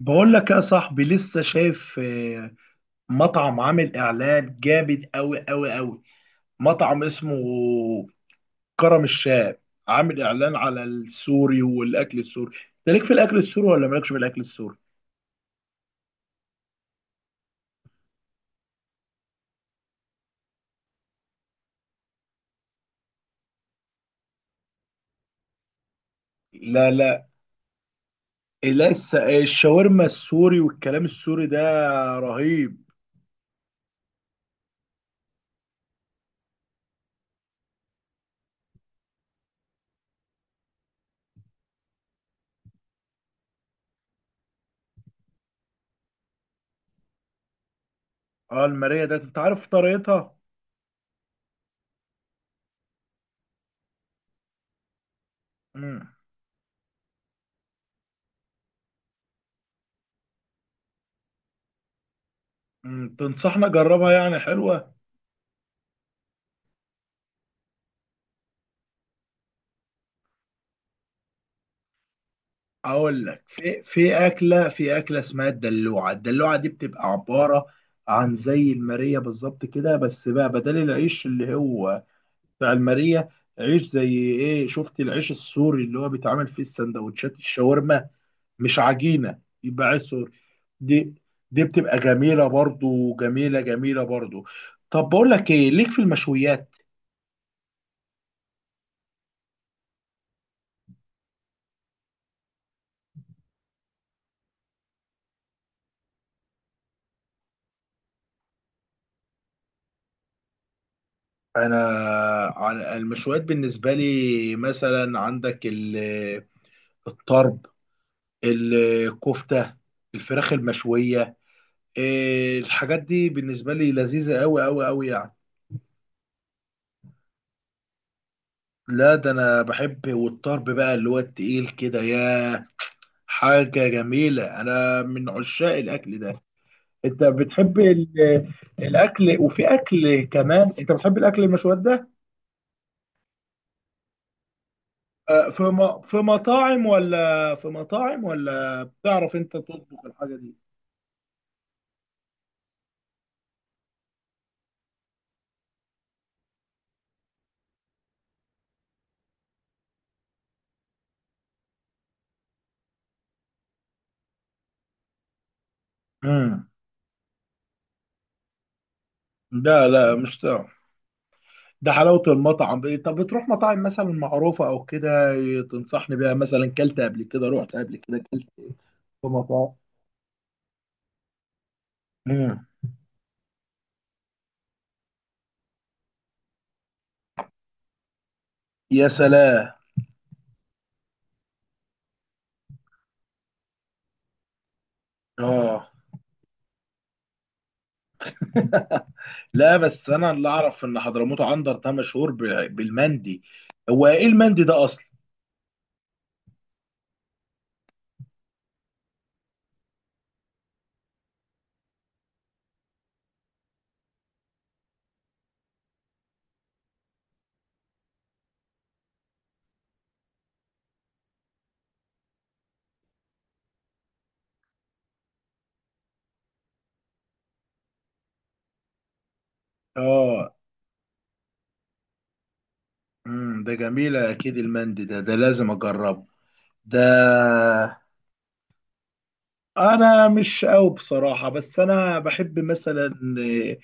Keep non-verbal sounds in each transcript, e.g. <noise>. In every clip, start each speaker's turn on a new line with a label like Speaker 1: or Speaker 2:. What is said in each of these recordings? Speaker 1: بقول لك يا صاحبي لسه شايف مطعم عامل اعلان جامد قوي قوي قوي. مطعم اسمه كرم الشام، عامل اعلان على السوري والاكل السوري. انت ليك في الاكل السوري ولا مالكش في الاكل السوري؟ لا لا، لسه الشاورما السوري والكلام السوري ده رهيب. اه، المارية ده انت عارف طريقتها؟ امم أمم، تنصحنا جربها، يعني حلوة؟ اقول لك في اكله اسمها الدلوعه. الدلوعه دي بتبقى عباره عن زي الماريه بالظبط كده، بس بقى بدل العيش اللي هو بتاع الماريه، عيش زي ايه؟ شفت العيش السوري اللي هو بيتعمل فيه السندوتشات الشاورما، مش عجينه، يبقى عيش سوري. دي دي بتبقى جميله برضو، جميله جميله برضو. طب بقول لك ايه، ليك في المشويات؟ انا المشويات بالنسبه لي مثلا، عندك الطرب، الكفتة، الفراخ المشوية، إيه، الحاجات دي بالنسبة لي لذيذة أوي أوي أوي يعني. لا ده أنا بحب، والطرب بقى اللي هو التقيل كده حاجة جميلة، أنا من عشاق الأكل ده. أنت بتحب <laughs> الأكل، وفي أكل كمان أنت بتحب الأكل المشويات ده. في مطاعم ولا بتعرف أنت تطبخ الحاجة دي؟ امم لا لا، مش تعرف. ده حلاوة المطعم، إيه، طب بتروح مطاعم مثلا معروفة او كده؟ إيه، تنصحني بيها مثلا؟ كلت قبل كده، رحت قبل كده، كلت إيه؟ في مطاعم. مم. يا سلام. اه. <laughs> لا، بس انا اللي اعرف ان حضرموت عنتر ده مشهور بالمندي. هو ايه المندي ده اصلا؟ اه. ده جميل، اكيد المندي ده لازم اجربه ده. انا مش قوي بصراحة، بس انا بحب مثلا آه،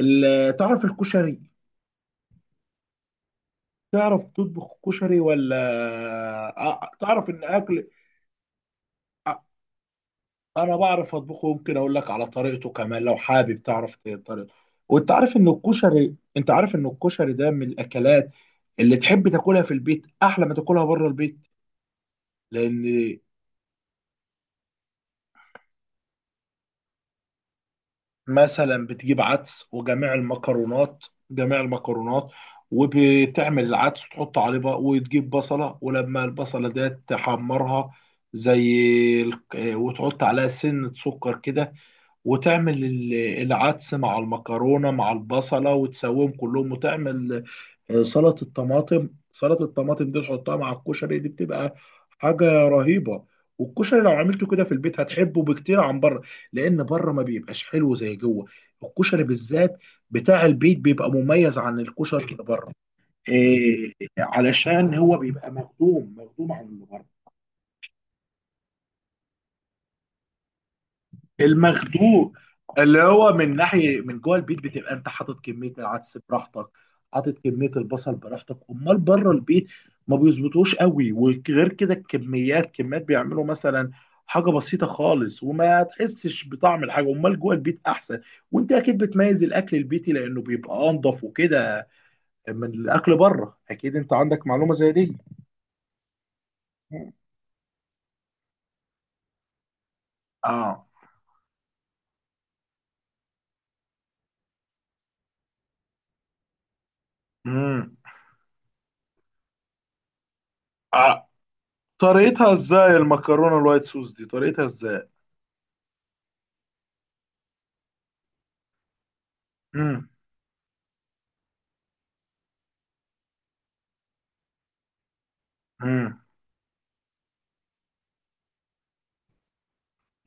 Speaker 1: تعرف الكشري؟ تعرف تطبخ كشري ولا؟ تعرف ان اكل. انا بعرف اطبخه، ممكن اقول لك على طريقته كمان، لو حابب تعرف طريقته. وانت عارف ان الكشري ده من الاكلات اللي تحب تاكلها في البيت، احلى ما تاكلها بره البيت. لان مثلا بتجيب عدس وجميع المكرونات جميع المكرونات، وبتعمل العدس تحط عليه بقى، وتجيب بصلة ولما البصلة دي تحمرها زي ال- وتحط عليها سنة سكر كده، وتعمل العدس مع المكرونة مع البصلة وتسويهم كلهم. وتعمل سلطة الطماطم دي تحطها مع الكشري، دي بتبقى حاجة رهيبة. والكشري لو عملته كده في البيت هتحبه بكتير عن بره. لأن بره ما بيبقاش حلو زي جوه. الكشري بالذات بتاع البيت بيبقى مميز عن الكشري اللي بره، إيه، علشان هو بيبقى مخدوم مخدوم عن اللي بره. المخدوق اللي هو من ناحيه من جوه البيت، بتبقى انت حاطط كميه العدس براحتك، حاطط كميه البصل براحتك. امال بره البيت ما بيظبطوش قوي، وغير كده الكميات، كميات بيعملوا مثلا حاجه بسيطه خالص وما تحسش بطعم الحاجه. امال جوه البيت احسن، وانت اكيد بتميز الاكل البيتي لانه بيبقى انضف وكده من الاكل بره، اكيد انت عندك معلومه زي دي. اه. امم آه. طريقتها ازاي المكرونه الوايت صوص دي، طريقتها ازاي؟ امم مم.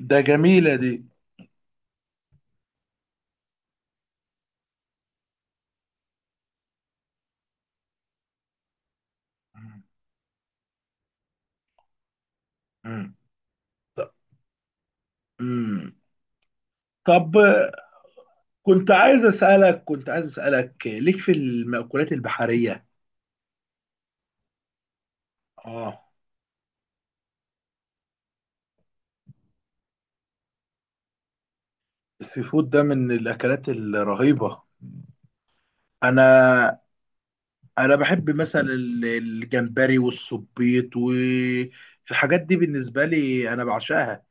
Speaker 1: ده جميلة دي. مم. مم. طب. مم. طب كنت عايز أسألك ليك في المأكولات البحرية؟ اه. السي فود ده من الأكلات الرهيبة. أنا أنا بحب مثلا الجمبري والسبيط والحاجات دي بالنسبة لي أنا بعشقها،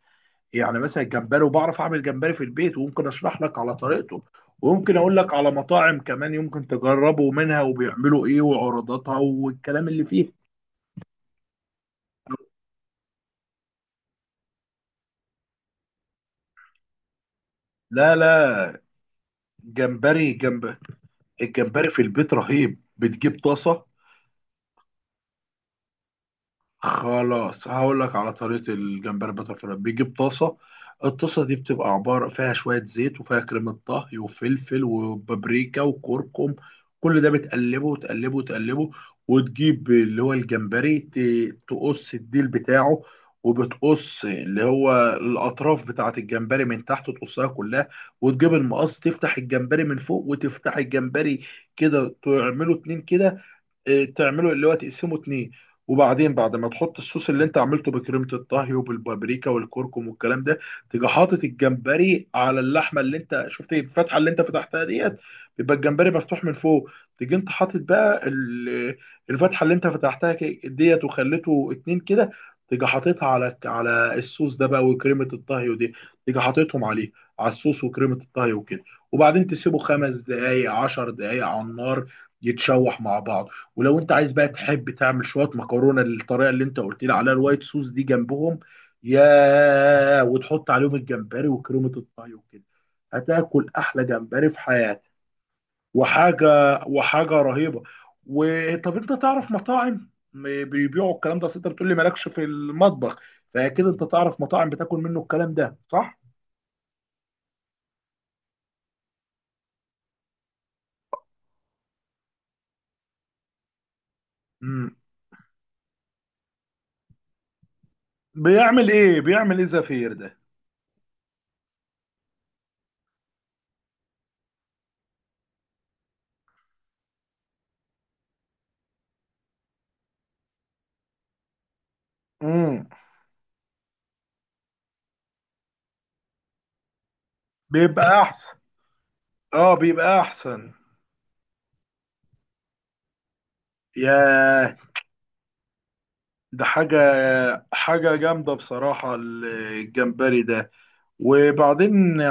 Speaker 1: يعني مثلا الجمبري. وبعرف اعمل جمبري في البيت، وممكن اشرح لك على طريقته، وممكن اقول لك على مطاعم كمان يمكن تجربوا منها وبيعملوا ايه وعروضاتها والكلام اللي فيه. لا لا، جمبري جنب. الجمبري في البيت رهيب، بتجيب طاسة. خلاص، هقول لك على طريقة الجمبري بترفلاي. بيجيب طاسة، الطاسة دي بتبقى عبارة فيها شوية زيت وفيها كريمة طهي وفلفل وبابريكا وكركم. كل ده بتقلبه وتقلبه وتقلبه، وتجيب اللي هو الجمبري، تقص الديل بتاعه. وبتقص اللي هو الأطراف بتاعة الجمبري من تحت، تقصها كلها. وتجيب المقص تفتح الجمبري من فوق وتفتح الجمبري كده، تعمله اتنين كده. تعمله اللي هو تقسمه اتنين. وبعدين بعد ما تحط الصوص اللي انت عملته بكريمة الطهي وبالبابريكا والكركم والكلام ده، تيجي حاطط الجمبري على اللحمة اللي انت شفت، ايه، الفتحة اللي انت فتحتها ديت، بيبقى الجمبري مفتوح من فوق. تيجي انت حاطط بقى الفتحة اللي انت فتحتها ديت، وخليته اتنين كده. تيجي حاططها على الصوص ده بقى وكريمة الطهي ودي. تيجي حاططهم عليه على الصوص وكريمة الطهي وكده، وبعدين تسيبه 5 دقايق، 10 دقايق على النار، يتشوح مع بعض. ولو انت عايز بقى تحب تعمل شويه مكرونه للطريقه اللي انت قلت لي عليها الوايت صوص دي جنبهم وتحط عليهم الجمبري وكريمه الطهي وكده، هتاكل احلى جمبري في حياتك. وحاجه وحاجه رهيبه. وطب انت تعرف مطاعم بيبيعوا الكلام ده؟ أصل انت بتقول لي مالكش في المطبخ، فاكيد انت تعرف مطاعم بتاكل منه الكلام ده، صح؟ امم بيعمل ايه زفير ده؟ امم بيبقى احسن. اه، بيبقى احسن. ياه، ده حاجة جامدة بصراحة الجمبري ده. وبعدين،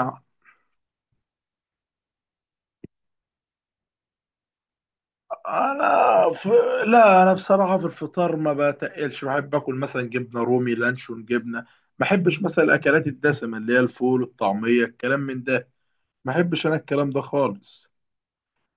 Speaker 1: أنا في لا، أنا بصراحة في الفطار ما بتقلش، بحب آكل مثلا جبنة رومي، لانشون، ما بحبش مثلا الأكلات الدسمة اللي هي الفول، الطعمية، الكلام من ده، ما بحبش أنا الكلام ده خالص.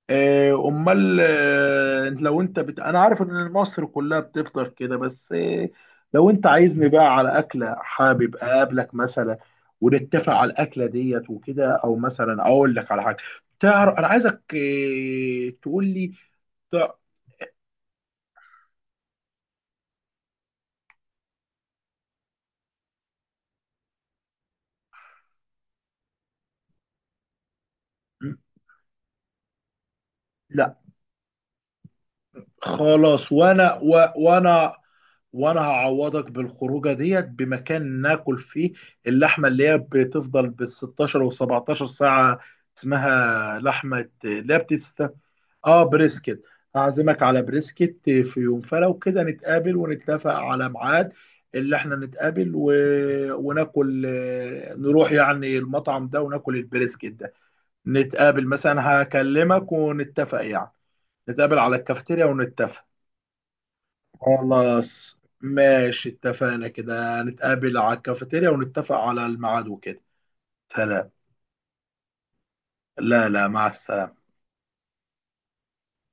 Speaker 1: امال، لو انت انا عارف ان مصر كلها بتفطر كده، بس لو انت عايزني بقى على اكله، حابب اقابلك مثلا ونتفق على الاكله ديت وكده، او مثلا اقول لك على حاجه. تعرف انا عايزك تقول لي، تع- لا، خلاص، وانا و... وانا وانا هعوضك بالخروجه ديت بمكان ناكل فيه اللحمه اللي هي بتفضل بال 16 و 17 ساعه، اسمها لحمه اللي هي اه، بريسكت. هعزمك على بريسكت في يوم، فلو كده نتقابل ونتفق على ميعاد اللي احنا نتقابل وناكل، نروح يعني المطعم ده وناكل البريسكت ده. نتقابل مثلا، هكلمك ونتفق يعني، نتقابل على الكافتيريا ونتفق. خلاص، ماشي، اتفقنا كده، نتقابل على الكافيتيريا ونتفق على الميعاد وكده. سلام. لا لا، مع السلامة.